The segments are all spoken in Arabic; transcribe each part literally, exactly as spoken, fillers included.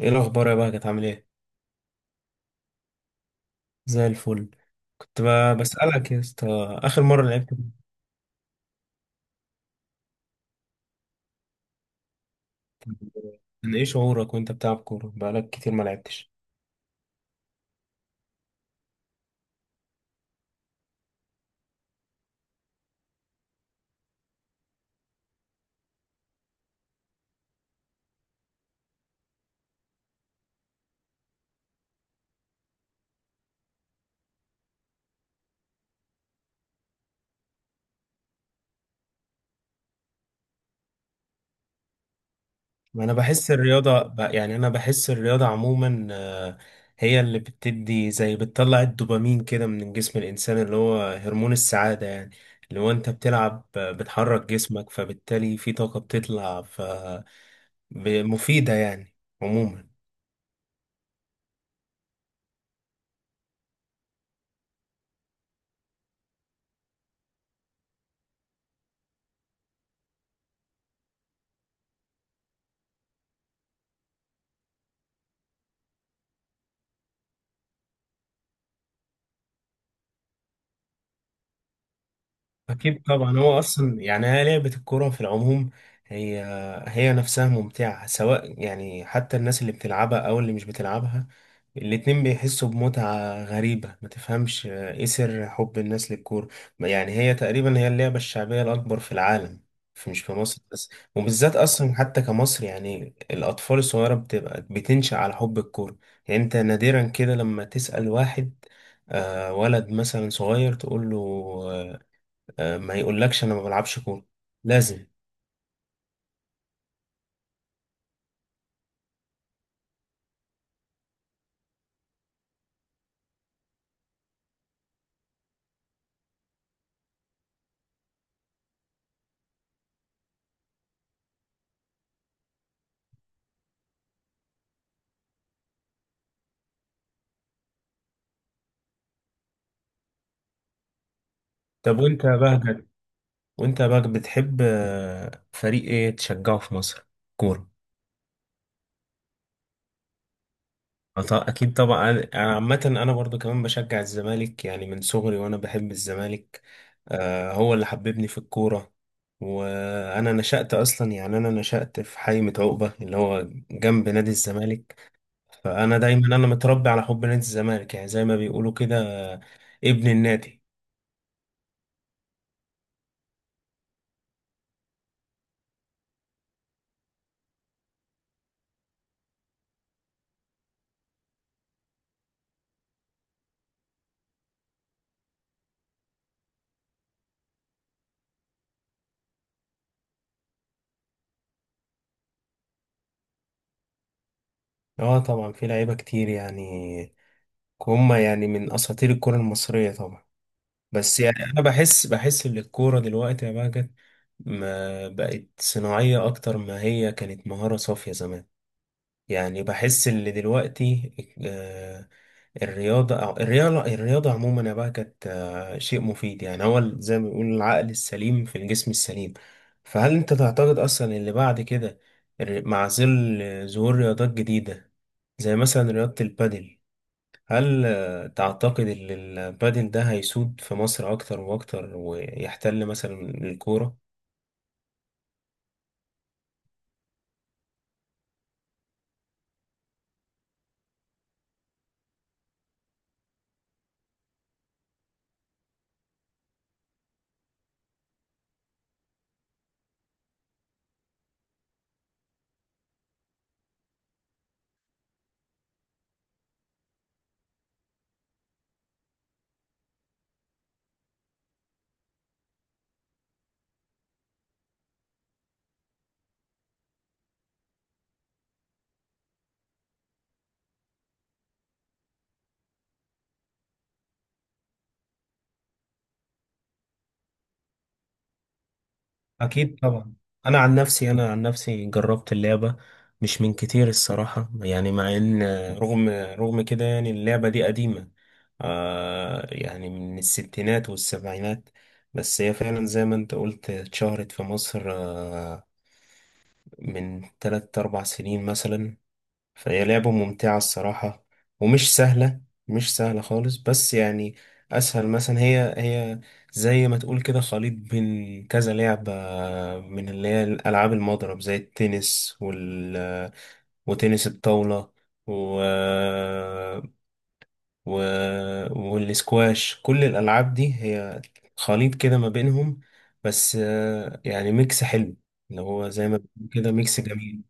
ايه الاخبار يا بقى؟ كانت عامل ايه؟ زي الفل. كنت ب- بسالك يا اسطى. اخر مره لعبت كنت- كان ايه شعورك وانت بتلعب كوره بقالك كتير ما لعبتش؟ ما انا بحس الرياضه ب- يعني انا بحس الرياضه عموما، آه، هي اللي بتدي زي بتطلع الدوبامين كده من جسم الانسان اللي هو هرمون السعاده يعني. اللي هو انت بتلعب، آه، بتحرك جسمك فبالتالي في طاقه بتطلع ف ب- مفيده يعني عموما. أكيد طبعا. هو أصلا يعني هي لعبة الكورة في العموم هي هي نفسها ممتعة، سواء يعني حتى الناس اللي بتلعبها أو اللي مش بتلعبها، الاتنين بيحسوا بمتعة غريبة. ما تفهمش إيه سر حب الناس للكورة. يعني هي تقريبا هي اللعبة الشعبية الأكبر في العالم، في- مش في مصر بس. وبالذات أصلا حتى كمصر يعني الأطفال الصغيرة بتبقى بتنشأ على حب الكورة. يعني أنت نادرا كده لما تسأل واحد، آه، ولد مثلا صغير، تقول له، آه، آه، ما يقولكش انا ما بلعبش كورة. لازم. طب وانت يا بهجت وانت يا بهجت بتحب، آه، فريق ايه تشجعه في مصر؟ كورة. أط- اكيد طبعا. انا عامة انا برضو كمان بشجع الزمالك، يعني من صغري وانا بحب الزمالك. آه، هو اللي حببني في الكورة. وانا نشأت اصلا، يعني انا نشأت في حي عقبة اللي هو جنب نادي الزمالك. فانا دايما انا متربي على حب نادي الزمالك، يعني زي ما بيقولوا كده، آه، ابن النادي. اه طبعا في لعيبة كتير يعني. هم يعني من اساطير الكرة المصرية طبعا. بس يعني انا بحس بحس ان الكورة دلوقتي يا بهجت ما بقت صناعية اكتر ما هي كانت مهارة صافية زمان. يعني بحس ان دلوقتي، آه، الرياضة أو الرياضة الرياضة عموما يا بهجت، آه، شيء مفيد يعني. هو ال- زي ما بيقول العقل السليم في الجسم السليم. فهل انت تعتقد اصلا اللي بعد كده، الر- مع ظل ظهور رياضات جديدة زي مثلا رياضة البادل، هل آه، تعتقد ان البادل ده هيسود في مصر اكتر واكتر ويحتل مثلا الكورة؟ اكيد طبعا. انا عن نفسي انا عن نفسي جربت اللعبة، مش من كتير الصراحة. يعني مع ان، آه، رغم رغم كده، يعني اللعبة دي قديمة، آه يعني من الستينات والسبعينات. بس هي فعلا زي ما انت قلت اتشهرت في مصر، آه من تلات أربع سنين مثلا. فهي لعبة ممتعة الصراحة، ومش سهلة، مش سهلة خالص، بس يعني أسهل. مثلا هي هي زي ما تقول كده خليط بين كذا لعبة، من اللي هي ألعاب المضرب زي التنس وال وتنس الطاولة و... و... والسكواش. كل الألعاب دي هي خليط كده ما بينهم، بس آه، يعني ميكس حلو، اللي هو زي ما بيقول كده ميكس جميل.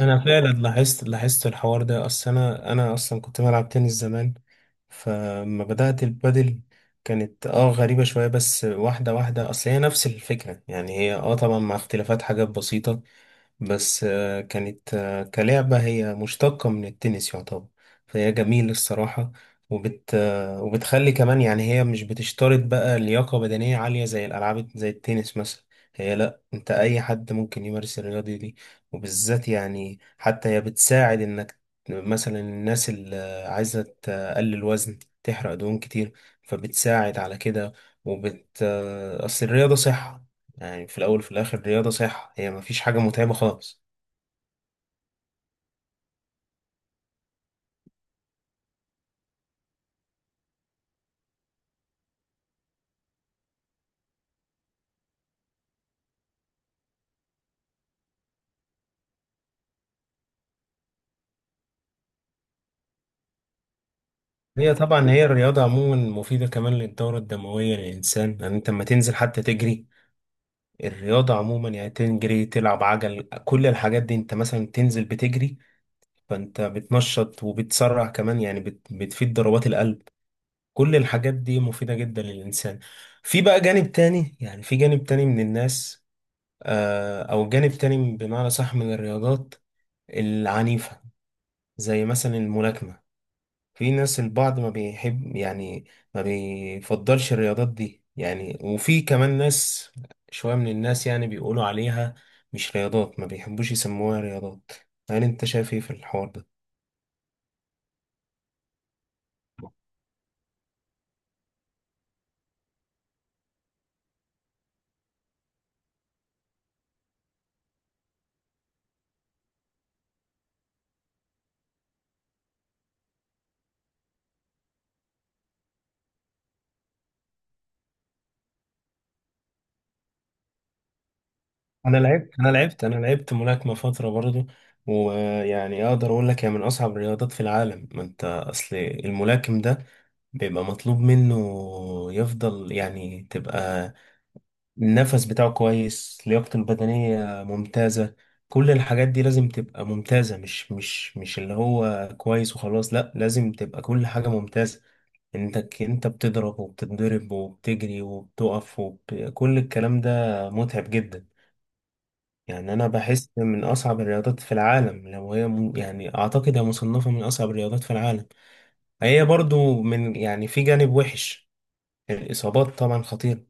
انا فعلا لاحظت لاحظت الحوار ده. اصل انا انا اصلا كنت بلعب تنس زمان، فلما بدات البادل كانت اه غريبه شويه، بس واحده واحده. اصل هي نفس الفكره، يعني هي اه طبعا مع اختلافات حاجات بسيطه. بس آه، كانت، آه، كلعبة، هي مشتقة من التنس يعتبر. فهي جميل الصراحة. وبت آه، وبتخلي كمان، يعني هي مش بتشترط بقى لياقة بدنية عالية زي الألعاب زي التنس مثلا. هي لأ، أنت أي حد ممكن يمارس الرياضة دي. وبالذات يعني حتى هي بتساعد إنك، مثلا الناس اللي عايزة تقلل وزن تحرق دهون كتير، فبتساعد على كده. وبت آه، أصل الرياضة صحة. يعني في الأول وفي الآخر رياضة صحة، هي مفيش حاجة متعبة خالص. هي طبعا هي الرياضة عموما مفيدة كمان للدورة الدموية للإنسان. يعني أنت لما تنزل حتى تجري، الرياضة عموما، يعني تجري تلعب عجل، كل الحاجات دي، أنت مثلا تنزل بتجري فأنت بتنشط وبتسرع كمان، يعني بت بتفيد ضربات القلب. كل الحاجات دي مفيدة جدا للإنسان. في بقى جانب تاني، يعني في جانب تاني من الناس، آه أو جانب تاني بمعنى صح، من الرياضات العنيفة زي مثلا الملاكمة. في ناس، البعض ما بيحب يعني ما بيفضلش الرياضات دي. يعني وفي كمان ناس، شوية من الناس يعني بيقولوا عليها مش رياضات، ما بيحبوش يسموها رياضات. هل انت شايف ايه في الحوار ده؟ انا لعبت انا لعبت انا لعبت ملاكمة فترة برضو. ويعني اقدر اقول لك هي من اصعب الرياضات في العالم. ما انت اصل الملاكم ده بيبقى مطلوب منه يفضل، يعني تبقى النفس بتاعه كويس، لياقته البدنية ممتازة، كل الحاجات دي لازم تبقى ممتازة، مش مش مش اللي هو كويس وخلاص. لا، لازم تبقى كل حاجة ممتازة. انت انت بتضرب وبتتضرب وبتجري وبتقف وب... كل الكلام ده متعب جدا. يعني انا بحس من اصعب الرياضات في العالم. لو هي م... يعني اعتقد هي مصنفة من اصعب الرياضات في العالم. هي برضو من، يعني في جانب وحش، الاصابات طبعا خطيرة.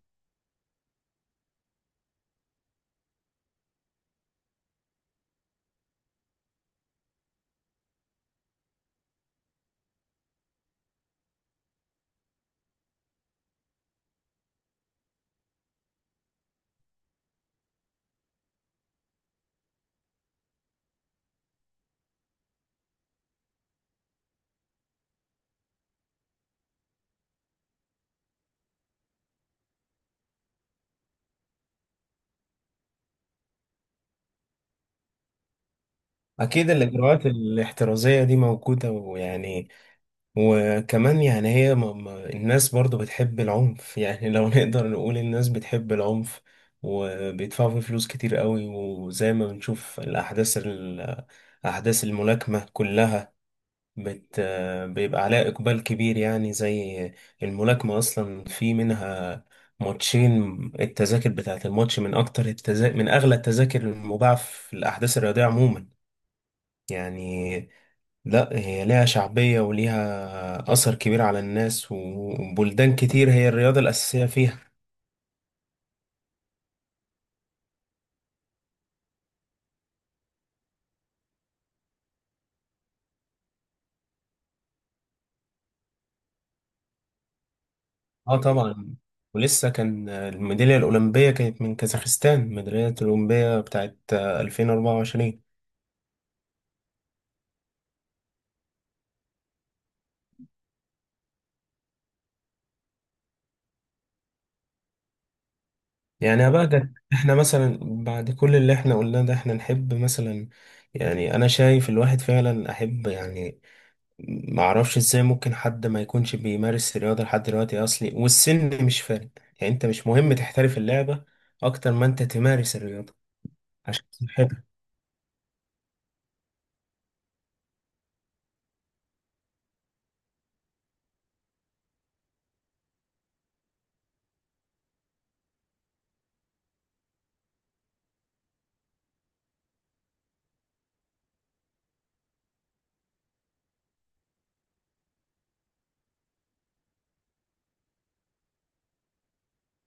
أكيد الإجراءات الاحترازية دي موجودة. ويعني وكمان يعني هي م... م... الناس برضو بتحب العنف. يعني لو نقدر نقول الناس بتحب العنف، وبيدفعوا فيه فلوس كتير قوي. وزي ما بنشوف الأحداث ال... أحداث الملاكمة كلها بت... بيبقى عليها إقبال كبير. يعني زي الملاكمة أصلا، في منها ماتشين. التذاكر بتاعت الماتش من أكتر التذا... من أغلى التذاكر المباعة في الأحداث الرياضية عموما يعني. لا، هي ليها شعبية وليها أثر كبير على الناس، وبلدان كتير هي الرياضة الأساسية فيها. اه طبعا. ولسه كان الميدالية الأولمبية، كانت من كازاخستان، الميدالية الأولمبية بتاعت ألفين وأربعة و عشرين. يعني يا بهجت احنا مثلا، بعد كل اللي احنا قلناه ده، احنا نحب مثلا، يعني أنا شايف الواحد فعلا أحب. يعني معرفش ازاي ممكن حد ما يكونش بيمارس الرياضة لحد دلوقتي اصلي، والسن مش فارق. يعني انت مش مهم تحترف اللعبة اكتر ما انت تمارس الرياضة عشان صحتك.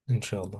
ان شاء الله.